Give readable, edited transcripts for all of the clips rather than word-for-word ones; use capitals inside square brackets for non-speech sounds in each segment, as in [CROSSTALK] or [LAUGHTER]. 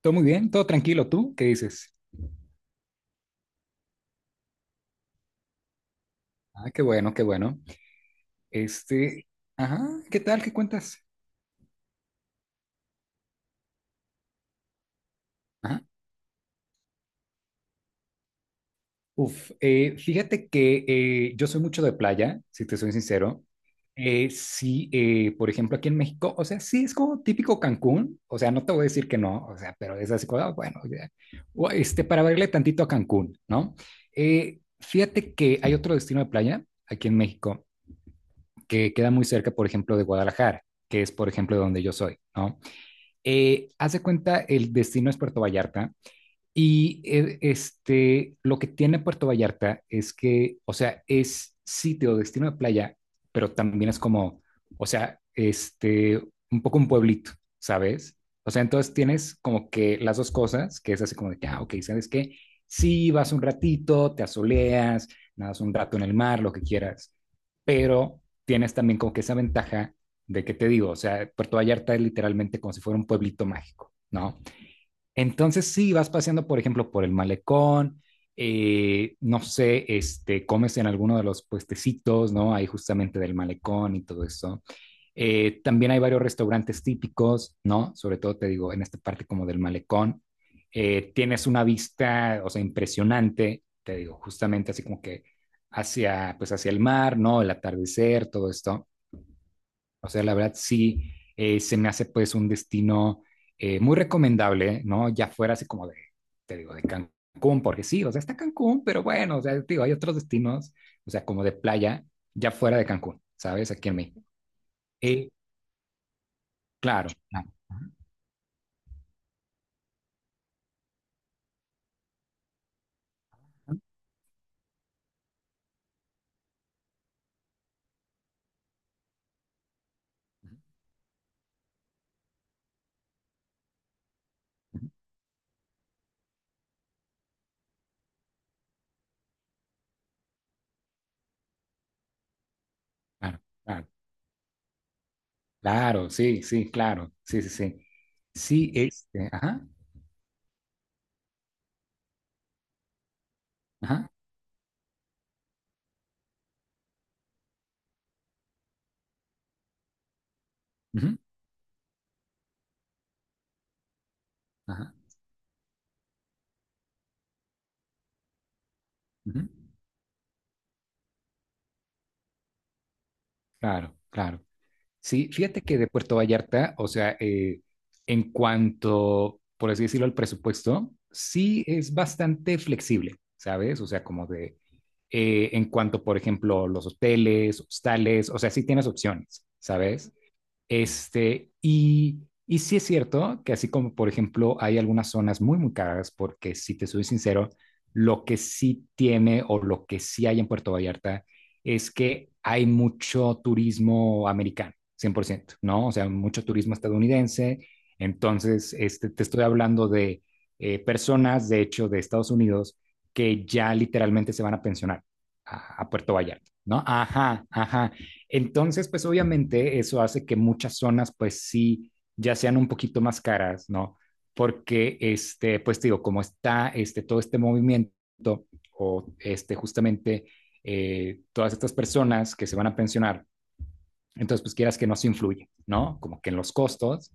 Todo muy bien, todo tranquilo. ¿Tú qué dices? Ah, qué bueno, qué bueno. Este, ajá, ¿qué tal? ¿Qué cuentas? Ajá. Uf, fíjate que yo soy mucho de playa, si te soy sincero. Sí, por ejemplo, aquí en México, o sea, sí es como típico Cancún, o sea, no te voy a decir que no, o sea, pero es así como, ah, bueno, ya, o, para verle tantito a Cancún, ¿no? Fíjate que hay otro destino de playa aquí en México que queda muy cerca, por ejemplo, de Guadalajara, que es, por ejemplo, de donde yo soy, ¿no? Haz de cuenta, el destino es Puerto Vallarta y lo que tiene Puerto Vallarta es que, o sea, es sitio, destino de playa, pero también es como, o sea, un poco un pueblito, ¿sabes? O sea, entonces tienes como que las dos cosas, que es así como de que, ah, ok, ¿sabes qué? Sí, vas un ratito, te asoleas, nadas un rato en el mar, lo que quieras, pero tienes también como que esa ventaja de que te digo, o sea, Puerto Vallarta es literalmente como si fuera un pueblito mágico, ¿no? Entonces sí, vas paseando, por ejemplo, por el malecón, no sé, comes en alguno de los puestecitos, ¿no? Ahí justamente del malecón y todo eso. También hay varios restaurantes típicos, ¿no? Sobre todo te digo, en esta parte como del malecón. Tienes una vista, o sea, impresionante, te digo, justamente así como que hacia, pues hacia el mar, ¿no? El atardecer, todo esto. O sea, la verdad sí, se me hace pues un destino muy recomendable, ¿no? Ya fuera así como de, te digo, de Cancún, porque sí, o sea, está Cancún, pero bueno, o sea, te digo, hay otros destinos, o sea, como de playa, ya fuera de Cancún, ¿sabes? Aquí en México. Eh, claro, claro. Claro, claro, claro, sí, sí, claro, sí, sí, sí. Sí, ajá, ajá, ujú, ajá, ujú, claro, claro. Sí, fíjate que de Puerto Vallarta, o sea, en cuanto, por así decirlo, al presupuesto, sí es bastante flexible, ¿sabes? O sea, como de, en cuanto, por ejemplo, los hoteles, hostales, o sea, sí tienes opciones, ¿sabes? Este, y, y sí es cierto que así como, por ejemplo, hay algunas zonas muy, muy caras, porque si te soy sincero, lo que sí tiene o lo que sí hay en Puerto Vallarta es que hay mucho turismo americano, cien por ciento, ¿no? O sea, mucho turismo estadounidense. Entonces, te estoy hablando de personas, de hecho, de Estados Unidos, que ya literalmente se van a pensionar a Puerto Vallarta, ¿no? Ajá, ajá. Entonces, pues obviamente eso hace que muchas zonas, pues sí, ya sean un poquito más caras, ¿no? Porque, pues digo, como está todo este movimiento o justamente todas estas personas que se van a pensionar, entonces, pues quieras que no se influye, ¿no? Como que en los costos,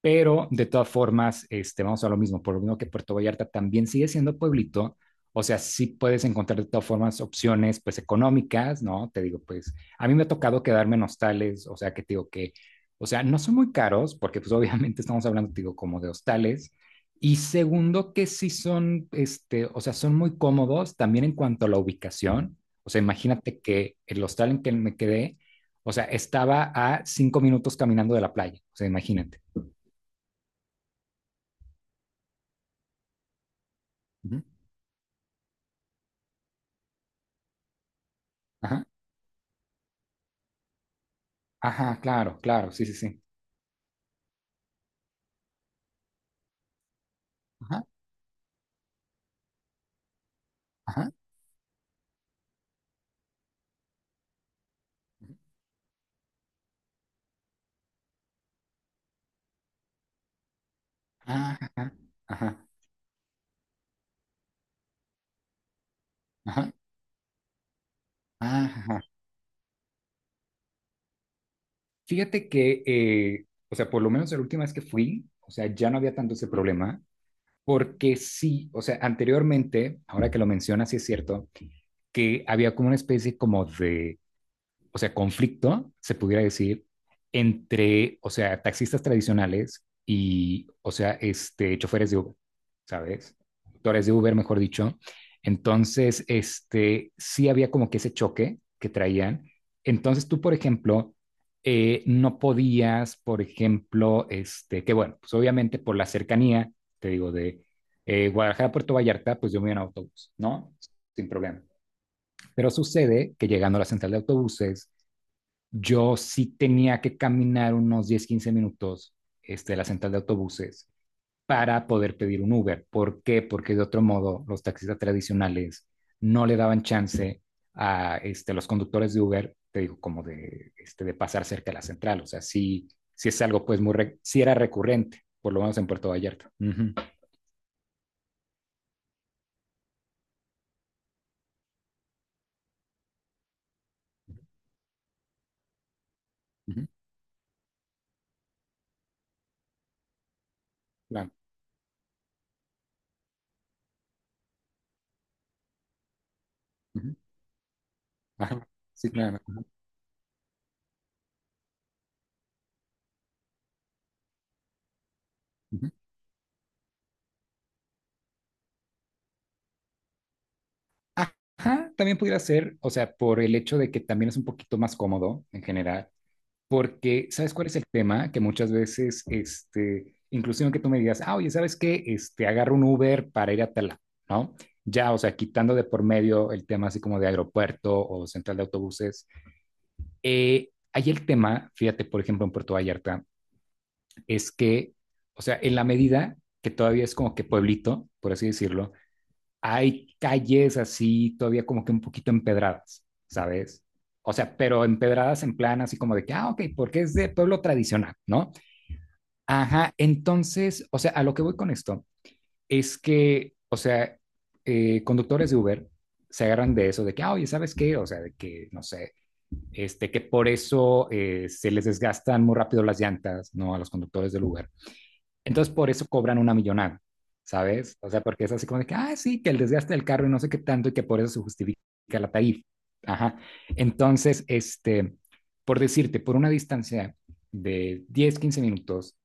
pero de todas formas, vamos a lo mismo, por lo mismo que Puerto Vallarta también sigue siendo pueblito, o sea, sí puedes encontrar de todas formas opciones pues económicas, ¿no? Te digo, pues a mí me ha tocado quedarme en hostales, o sea, que te digo que, o sea, no son muy caros, porque pues [LAUGHS] obviamente estamos hablando, te digo, como de hostales. Y segundo, que sí son, o sea, son muy cómodos también en cuanto a la ubicación. O sea, imagínate que el hostal en que me quedé, o sea, estaba a 5 minutos caminando de la playa, o sea, imagínate. Ujú. Ajá, ajá, claro, claro, sí, sí, sí. Ajá, ajá, ajá, ajá, ajá, ajá, ajá. Fíjate que, o sea, por lo menos la última vez que fui, o sea, ya no había tanto ese problema, porque sí, o sea, anteriormente, ahora que lo mencionas, sí es cierto, que había como una especie como de, o sea, conflicto, se pudiera decir, entre, o sea, taxistas tradicionales y, o sea, choferes de Uber, ¿sabes? Conductores de Uber, mejor dicho. Entonces, sí había como que ese choque que traían. Entonces, tú, por ejemplo, no podías, por ejemplo, que bueno, pues obviamente por la cercanía, te digo, de Guadalajara a Puerto Vallarta, pues yo me iba en autobús, ¿no? Sin problema. Pero sucede que llegando a la central de autobuses, yo sí tenía que caminar unos 10 15 minutos, de la central de autobuses para poder pedir un Uber. ¿Por qué? Porque de otro modo los taxistas tradicionales no le daban chance a los conductores de Uber, te digo, como de pasar cerca de la central. O sea, sí, sí es algo, pues, muy, re sí era recurrente, por lo menos en Puerto Vallarta. Uh -huh, uh -huh, claro, uh -huh, ajá, sí, claro. Ujú, ujú. Ajá, también pudiera ser, o sea, por el hecho de que también es un poquito más cómodo en general. Porque, ¿sabes cuál es el tema? Que muchas veces, inclusive que tú me digas, ah, oye, ¿sabes qué? Agarro un Uber para ir a tal, lado", ¿no? Ya, o sea, quitando de por medio el tema así como de aeropuerto o central de autobuses. Ahí el tema, fíjate, por ejemplo, en Puerto Vallarta, es que, o sea, en la medida que todavía es como que pueblito, por así decirlo, hay calles así todavía como que un poquito empedradas, ¿sabes? O sea, pero empedradas en plan así como de que, ah, ok, porque es de pueblo tradicional, ¿no? Ajá, entonces, o sea, a lo que voy con esto es que, o sea, conductores de Uber se agarran de eso, de que, ah, oye, ¿sabes qué? O sea, de que, no sé, que por eso se les desgastan muy rápido las llantas, ¿no? A los conductores del Uber, entonces, por eso cobran una millonada, ¿sabes? O sea, porque es así como de que, ah, sí, que el desgaste del carro y no sé qué tanto y que por eso se justifica la tarifa. Ajá. Entonces, por decirte, por una distancia de 10 15 minutos,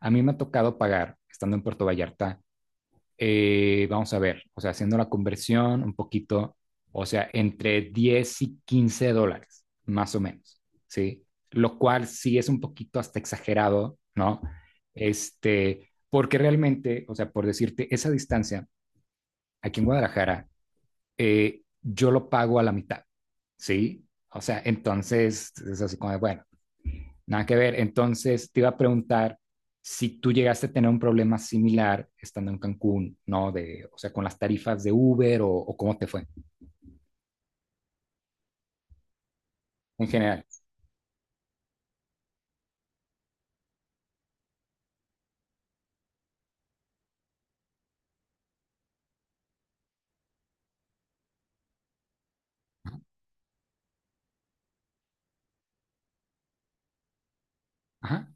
a mí me ha tocado pagar, estando en Puerto Vallarta, vamos a ver, o sea, haciendo la conversión un poquito, o sea, entre $10 y $15, más o menos, ¿sí? Lo cual sí es un poquito hasta exagerado, ¿no? Porque realmente, o sea, por decirte, esa distancia aquí en Guadalajara, yo lo pago a la mitad, ¿sí? O sea, entonces es así como, de, bueno, nada que ver. Entonces, te iba a preguntar si tú llegaste a tener un problema similar estando en Cancún, ¿no? De, o sea, con las tarifas de Uber o cómo te fue en general. Ajá,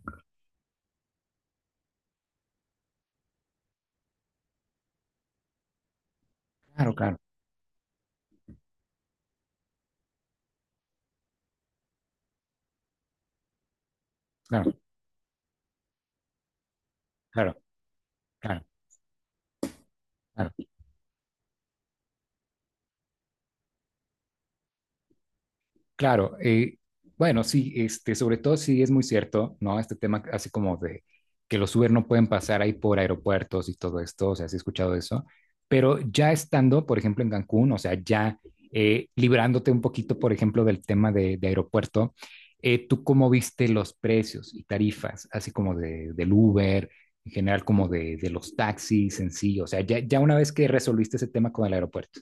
claro, claro, claro, claro, claro, claro. Claro, bueno, sí, sobre todo sí es muy cierto, ¿no? Este tema así como de que los Uber no pueden pasar ahí por aeropuertos y todo esto, o sea, sí he escuchado eso, pero ya estando, por ejemplo, en Cancún, o sea, ya librándote un poquito, por ejemplo, del tema de aeropuerto, ¿tú cómo viste los precios y tarifas, así como de, del Uber, en general como de los taxis en sí? O sea, ya, ya una vez que resolviste ese tema con el aeropuerto.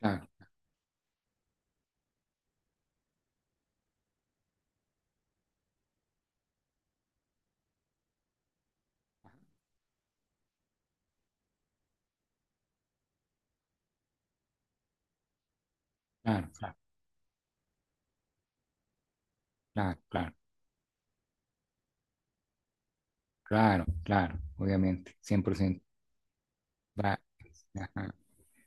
Claro, claro, claro, claro, claro. Claro, claro, obviamente, 100%. Va. Ajá.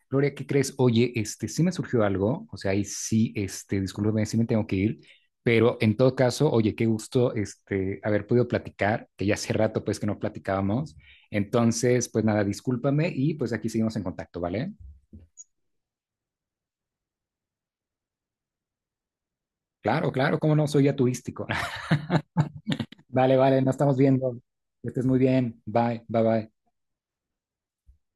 Gloria, ¿qué crees? Oye, sí me surgió algo, o sea, ahí sí, discúlpame, sí me tengo que ir, pero en todo caso, oye, qué gusto, haber podido platicar, que ya hace rato, pues, que no platicábamos. Entonces, pues nada, discúlpame y pues aquí seguimos en contacto, ¿vale? Claro, claro, cómo no, soy ya turístico. [LAUGHS] Vale, vale, nos estamos viendo. Que estés muy bien. Bye, bye, bye.